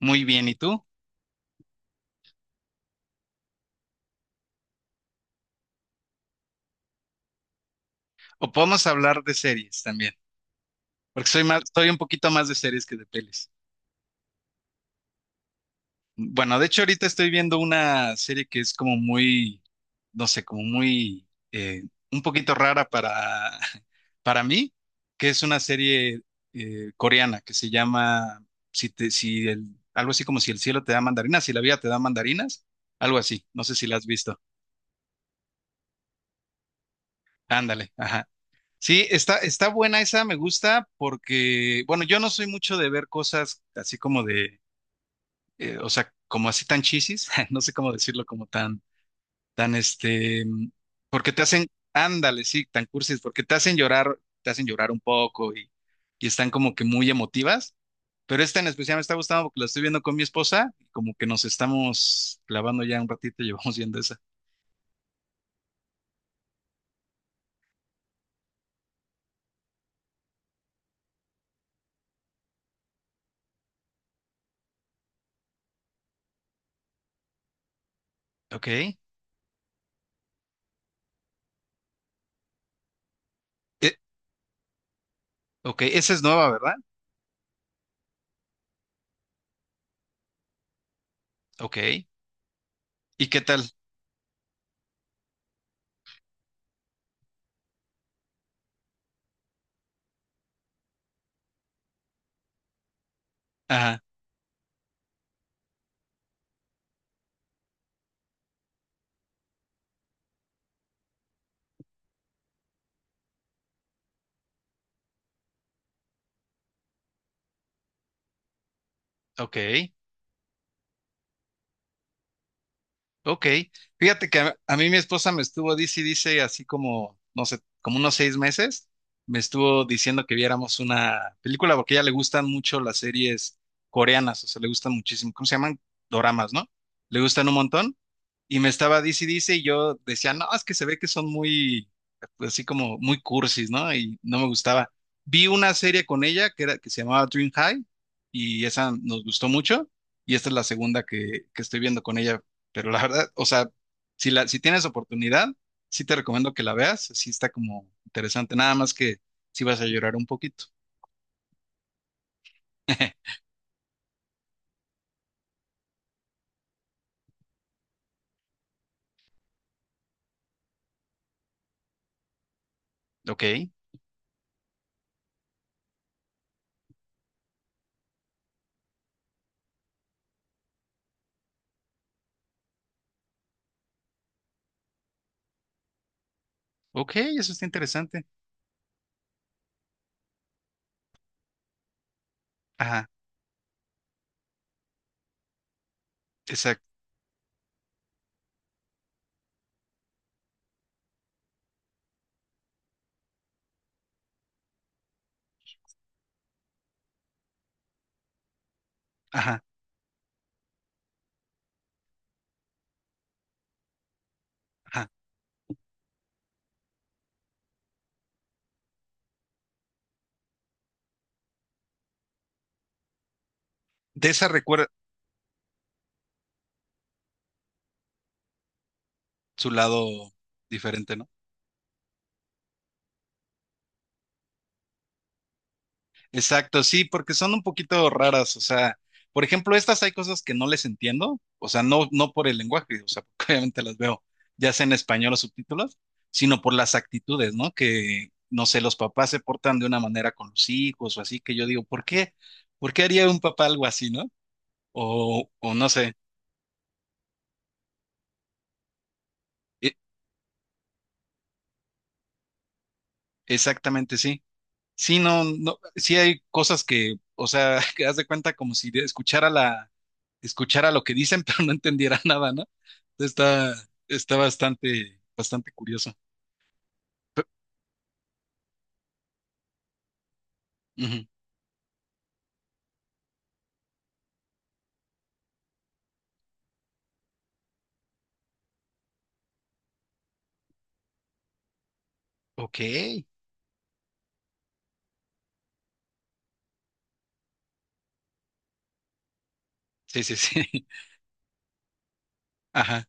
Muy bien, ¿y tú? O podemos hablar de series también, porque soy más, soy un poquito más de series que de pelis. Bueno, de hecho ahorita estoy viendo una serie que es como muy, no sé, como muy, un poquito rara para, para mí, que es una serie coreana que se llama, si te, si el, algo así como si el cielo te da mandarinas, si la vida te da mandarinas, algo así, no sé si la has visto. Ándale, ajá. Sí, está, está buena esa, me gusta porque, bueno, yo no soy mucho de ver cosas así como de, o sea, como así tan chisis, no sé cómo decirlo, como tan, tan porque te hacen, ándale, sí, tan cursis, porque te hacen llorar un poco y están como que muy emotivas, pero esta en especial me está gustando porque la estoy viendo con mi esposa y como que nos estamos clavando ya un ratito y llevamos viendo esa. Ok, ok, esa es nueva, ¿verdad? Ok, ¿y qué tal? Ajá, ok. Ok, fíjate que a mí mi esposa me estuvo, dice y dice, así como, no sé, como unos 6 meses, me estuvo diciendo que viéramos una película porque a ella le gustan mucho las series coreanas, o sea, le gustan muchísimo, ¿cómo se llaman? Doramas, ¿no? Le gustan un montón y me estaba dice y dice, y yo decía, no, es que se ve que son muy, pues, así como muy cursis, ¿no? Y no me gustaba. Vi una serie con ella que, era, que se llamaba Dream High, y esa nos gustó mucho, y esta es la segunda que estoy viendo con ella, pero la verdad, o sea, si, la, si tienes oportunidad, sí te recomiendo que la veas, sí está como interesante, nada más que sí vas a llorar un poquito. Ok, ok, eso está interesante. Ajá, exacto, ajá, ajá. De esa recuerda, su lado diferente, ¿no? Exacto, sí, porque son un poquito raras, o sea, por ejemplo, estas hay cosas que no les entiendo, o sea, no, no por el lenguaje, o sea, porque obviamente las veo ya sea en español o subtítulos, sino por las actitudes, ¿no? Que, no sé, los papás se portan de una manera con los hijos o así, que yo digo, ¿por qué? ¿Por qué haría un papá algo así, ¿no? O no sé, e- exactamente, sí. Sí, no, no, sí hay cosas que, o sea, que haz de cuenta como si escuchara la escuchara lo que dicen, pero no entendiera nada, ¿no? Está, está bastante, bastante curioso. Pe- ujú. Ok. Sí, sí, sí. Ajá.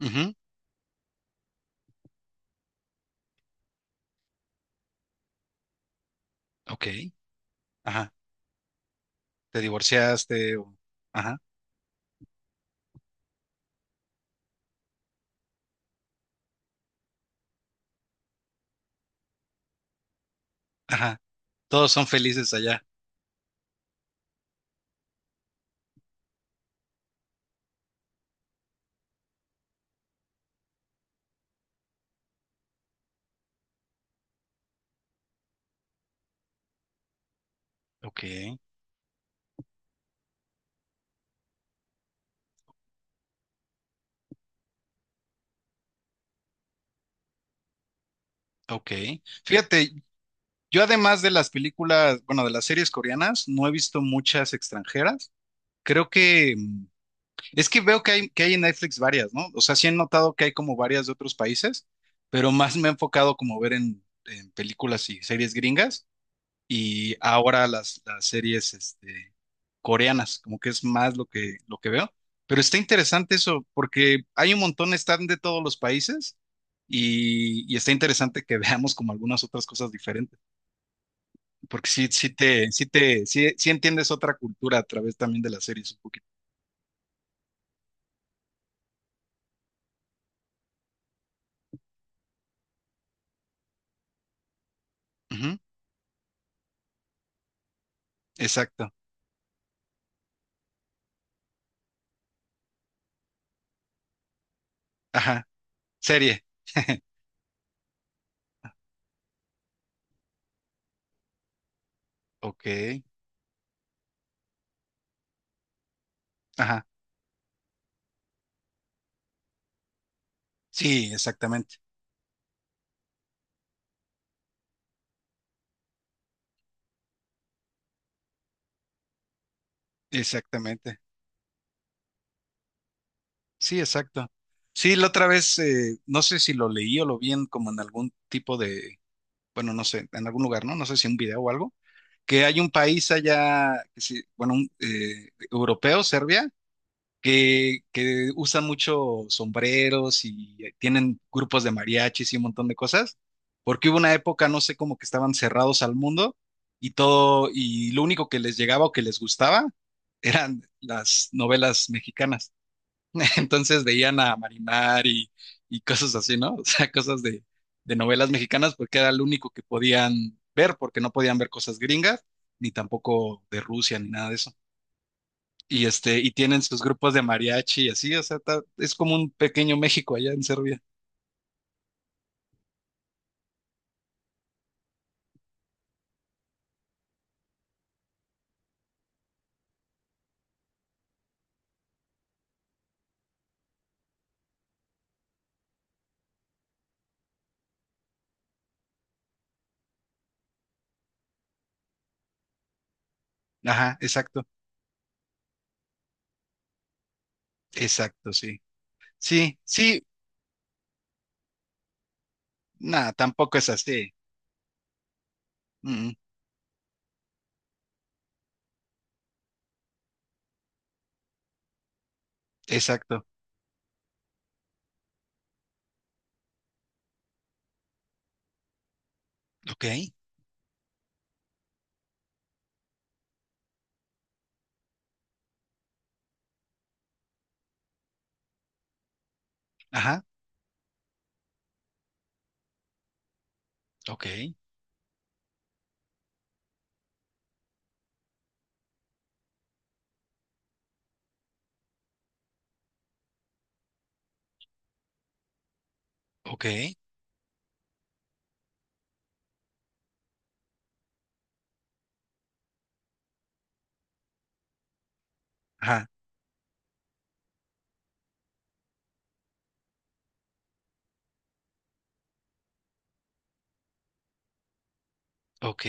Ujú, ok. Ajá. Te divorciaste. Ajá. Ajá. Todos son felices allá. Ok. Ok. Fíjate, yo además de las películas, bueno, de las series coreanas, no he visto muchas extranjeras. Creo que es que veo que hay en Netflix varias, ¿no? O sea, sí he notado que hay como varias de otros países, pero más me he enfocado como ver en películas y series gringas y ahora las series coreanas, como que es más lo que veo. Pero está interesante eso, porque hay un montón, están de todos los países y está interesante que veamos como algunas otras cosas diferentes, porque sí, sí te, sí te, sí, sí entiendes otra cultura a través también de las series un poquito. Ujú, exacto. Ajá. Serie. Ok. Ajá. Sí, exactamente. Exactamente. Sí, exacto. Sí, la otra vez, no sé si lo leí o lo vi en como en algún tipo de, bueno, no sé, en algún lugar, ¿no? No sé si un video o algo, que hay un país allá, que sí, bueno, un, europeo, Serbia, que usan mucho sombreros y tienen grupos de mariachis y un montón de cosas, porque hubo una época, no sé, como que estaban cerrados al mundo y todo, y lo único que les llegaba o que les gustaba eran las novelas mexicanas. Entonces veían a Marimar y cosas así, ¿no? O sea, cosas de novelas mexicanas porque era lo único que podían ver, porque no podían ver cosas gringas, ni tampoco de Rusia, ni nada de eso y y tienen sus grupos de mariachi y así, o sea, es como un pequeño México allá en Serbia. Ajá, exacto, exacto, sí. Sí, sí, nada, tampoco es así. Mm, exacto. Ok, ajá, ok, ok, ajá, ok,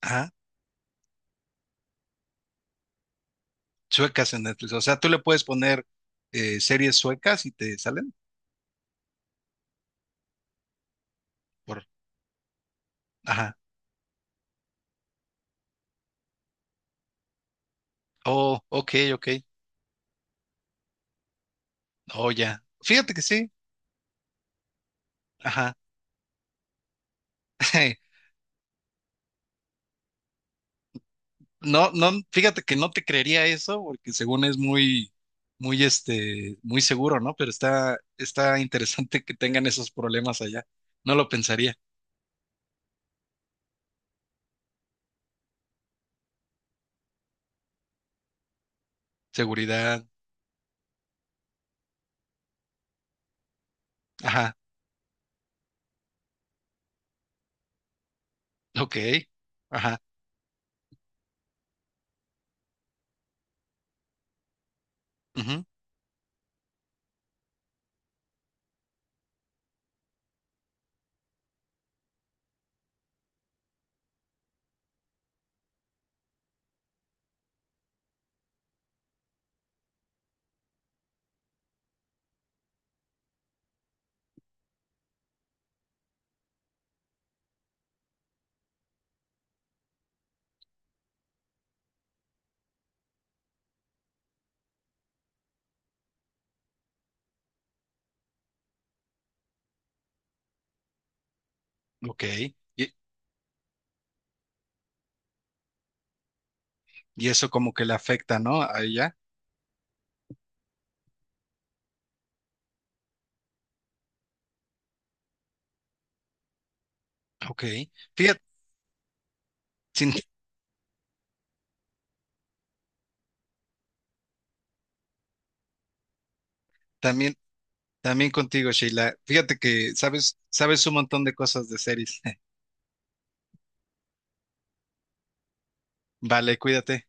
ajá. Suecas en Netflix. O sea, tú le puedes poner series suecas y te salen por, ajá. Oh, ok, ok. Oh, ya. Fíjate que sí. Ajá. No, no, fíjate que no te creería eso, porque según es muy, muy, muy seguro, ¿no? Pero está, está interesante que tengan esos problemas allá. No lo pensaría. Seguridad, ajá, ok, ajá, ujú, ok. Y, y eso como que le afecta, ¿no? A ella, ok. Fíjate, sin- también, también contigo, Sheila. Fíjate que sabes, sabes un montón de cosas de series. Vale, cuídate.